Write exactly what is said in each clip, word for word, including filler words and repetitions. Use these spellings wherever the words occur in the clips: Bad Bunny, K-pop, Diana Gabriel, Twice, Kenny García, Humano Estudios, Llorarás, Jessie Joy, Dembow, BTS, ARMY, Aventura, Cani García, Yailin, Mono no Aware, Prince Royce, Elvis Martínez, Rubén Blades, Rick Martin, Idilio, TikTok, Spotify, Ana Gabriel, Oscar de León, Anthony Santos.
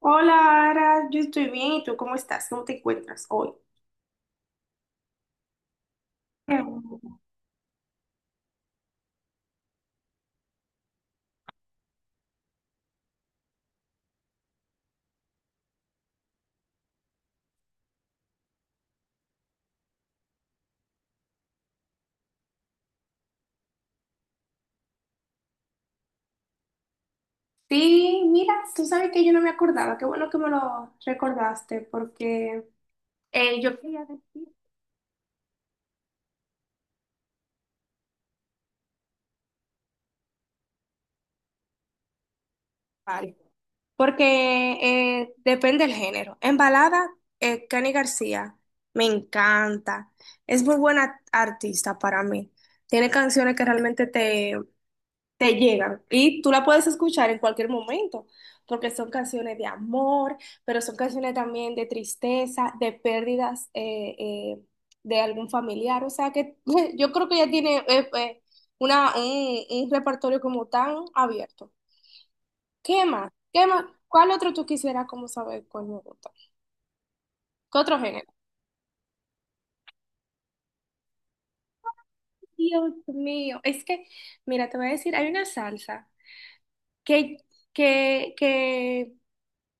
Hola, Ara, yo estoy bien. ¿Y tú cómo estás? ¿Cómo te encuentras hoy? Qué bueno. Sí, mira, tú sabes que yo no me acordaba. Qué bueno que me lo recordaste porque eh, yo quería decir varios. Porque eh, depende del género. En balada, eh, Cani García me encanta. Es muy buena artista para mí. Tiene canciones que realmente te llegan y tú la puedes escuchar en cualquier momento, porque son canciones de amor, pero son canciones también de tristeza, de pérdidas eh, eh, de algún familiar, o sea que yo creo que ya tiene eh, eh, una, un, un repertorio como tan abierto. ¿Qué más? ¿Qué más? ¿Cuál otro tú quisieras como saber cuál me gusta? ¿Qué otro género? Dios mío, es que, mira, te voy a decir, hay una salsa que, que, que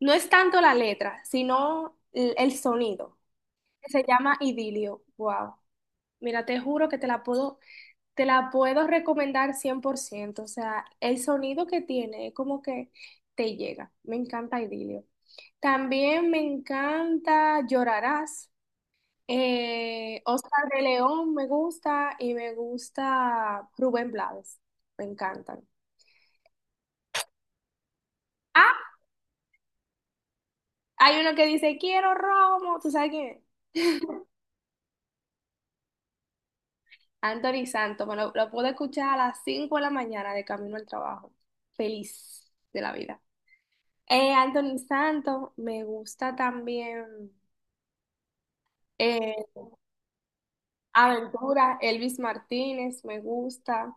no es tanto la letra, sino el, el sonido, que se llama Idilio. Wow. Mira, te juro que te la puedo, te la puedo recomendar cien por ciento. O sea, el sonido que tiene es como que te llega. Me encanta Idilio. También me encanta Llorarás. Eh, Oscar de León me gusta y me gusta Rubén Blades. Me encantan. Ah, hay uno que dice, quiero romo. ¿Tú sabes quién es? Anthony Santos, me lo, lo pude escuchar a las cinco de la mañana de camino al trabajo. Feliz de la vida. Eh, Anthony Santos, me gusta también. eh, Aventura, Elvis Martínez, me gusta.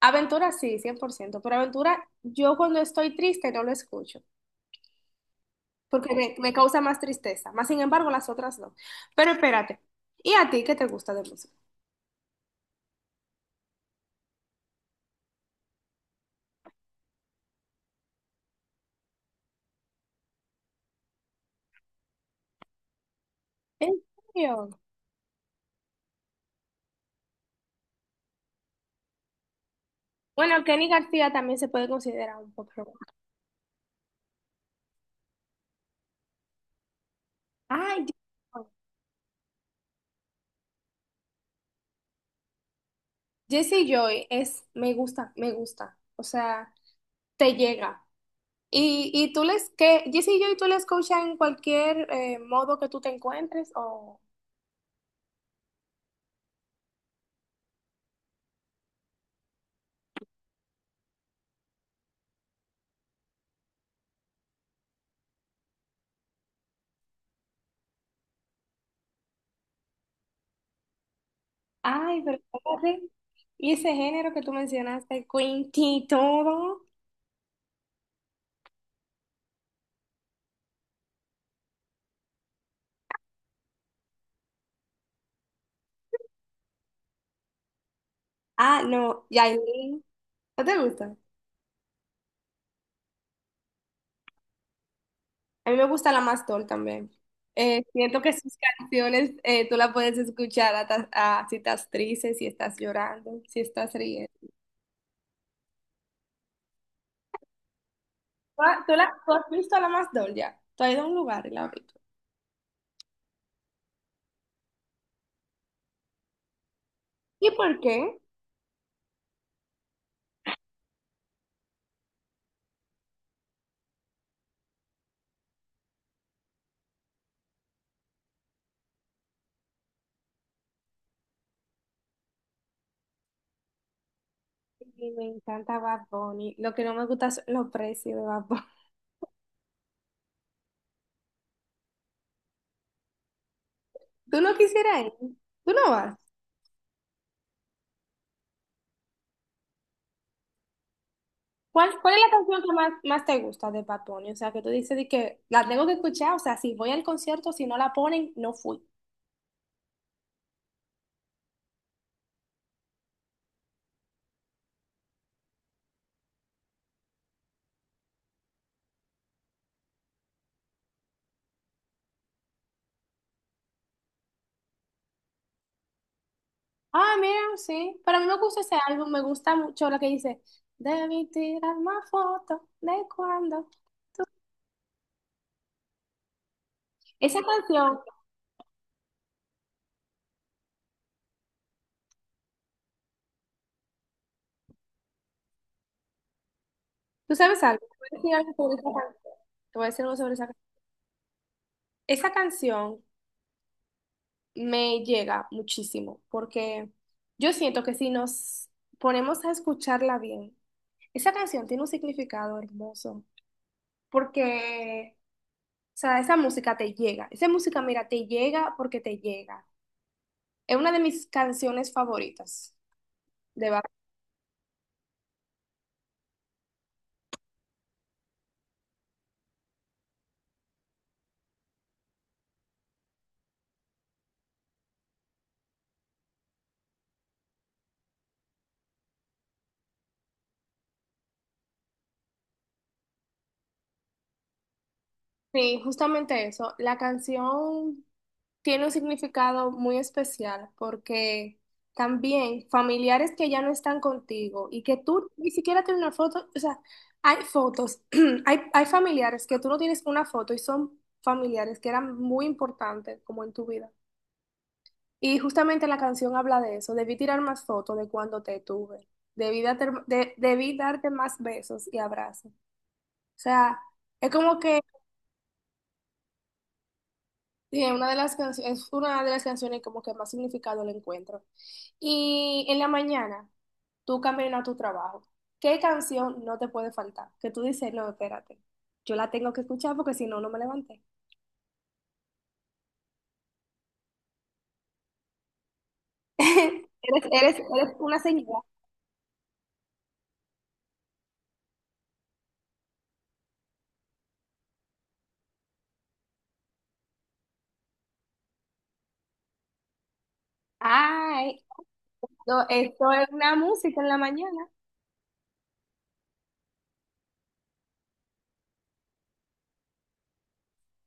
Aventura sí, cien por ciento, pero Aventura yo cuando estoy triste no lo escucho, porque me, me causa más tristeza. Más sin embargo, las otras no. Pero espérate, ¿y a ti qué te gusta de música? ¿En serio? Bueno, Kenny García también se puede considerar un pop rock. Ay, Dios. Jessie Joy es, me gusta, me gusta, o sea, te llega. Y, y tú les, que Jessie Joy tú la escuchas en cualquier eh, modo que tú te encuentres o... Ay, pero espérate, y ese género que tú mencionaste, Quinty todo. Ah, no, Yailin, ¿no te gusta? A mí me gusta la Mastol también. Eh, siento que sus canciones eh, tú las puedes escuchar hasta- ah, si estás triste, si estás llorando, si estás riendo. Ah, ¿tú, la, tú has visto a la más doll ya? Tú has ido a un lugar y la has visto. ¿Y por qué? Y me encanta Bad Bunny. Lo que no me gusta son los precios de Bad Bunny. ¿Tú no quisieras ir? ¿Tú no vas? ¿Cuál, cuál es la canción que más, más te gusta de Bad Bunny? O sea, que tú dices de que la tengo que escuchar. O sea, si voy al concierto, si no la ponen, no fui. Ah, mira, sí. Para mí me gusta ese álbum. Me gusta mucho lo que dice. Debí tirar más fotos de cuando. Esa canción, ¿tú sabes algo? Te voy a decir algo sobre esa canción. Te voy a decir algo sobre esa Esa canción me llega muchísimo porque yo siento que si nos ponemos a escucharla bien, esa canción tiene un significado hermoso porque, o sea, esa música te llega. Esa música, mira, te llega porque te llega. Es una de mis canciones favoritas de Bad Bunny. Sí, justamente eso. La canción tiene un significado muy especial porque también familiares que ya no están contigo y que tú ni siquiera tienes una foto, o sea, hay fotos, hay, hay familiares que tú no tienes una foto y son familiares que eran muy importantes como en tu vida. Y justamente la canción habla de eso, debí tirar más fotos de cuando te tuve, debí darte, de- debí darte más besos y abrazos. O sea, es como que sí, es una de las cancio- es una de las canciones como que más significado le encuentro. Y en la mañana, tú caminas a tu trabajo. ¿Qué canción no te puede faltar? Que tú dices, no, espérate, yo la tengo que escuchar porque si no, no me levanté. Eres, eres, eres una señora. Ay, no, esto es una música en la mañana.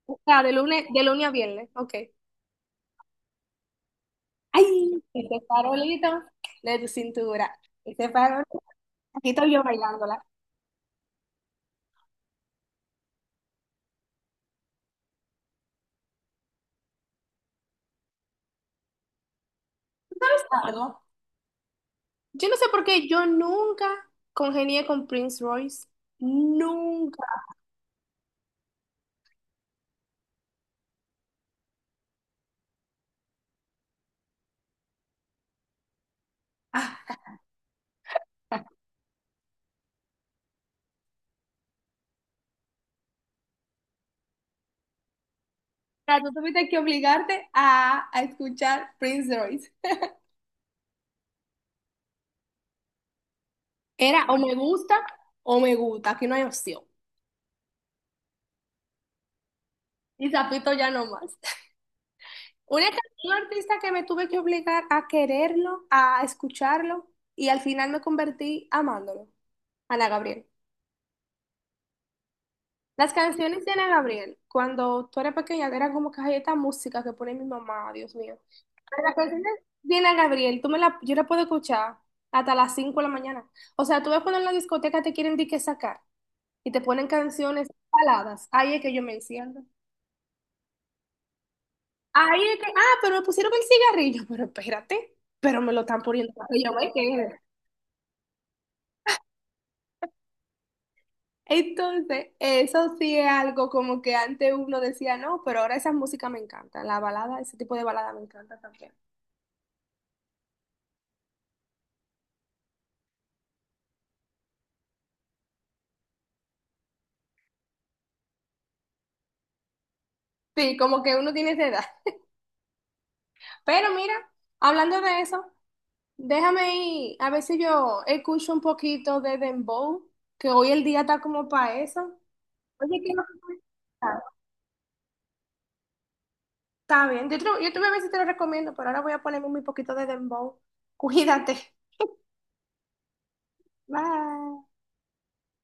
O sea, de lunes, de lunes a viernes, ok. Ay, ese farolito de tu cintura. Ese farolito, aquí estoy yo bailándola. ¿Tú sabes algo? Yo no sé por qué yo nunca congenié con Prince Royce. Nunca. Ah, o sea, tú tuviste que obligarte a, a escuchar Prince Royce. Era o me gusta o me gusta, aquí no hay opción. Y Zapito ya no más. Una can- un artista que me tuve que obligar a quererlo, a escucharlo, y al final me convertí amándolo, Ana Gabriel. Las canciones de Ana Gabriel, cuando tú eras pequeña, eran como que "Ay, esta música que pone mi mamá, Dios mío". La canción de Diana Gabriel, tú me la, yo la puedo escuchar hasta las cinco de la mañana. O sea, tú ves cuando en la discoteca te quieren de que sacar y te ponen canciones baladas. Ahí es que yo me enciendo. Ahí es que, ah, pero me pusieron el cigarrillo. Pero espérate, pero me lo están poniendo para que yo me quede. Entonces, eso sí es algo como que antes uno decía, no, pero ahora esa música me encanta. La balada, ese tipo de balada me encanta también. Sí, como que uno tiene esa edad. Pero mira, hablando de eso. Déjame ir, a ver si yo escucho un poquito de Dembow, que hoy el día está como para eso. Oye, ¿qué es lo que tú escuchas? Está bien, yo te, yo te voy a ver si te lo recomiendo, pero ahora voy a ponerme un poquito de Dembow. Cuídate. Bye.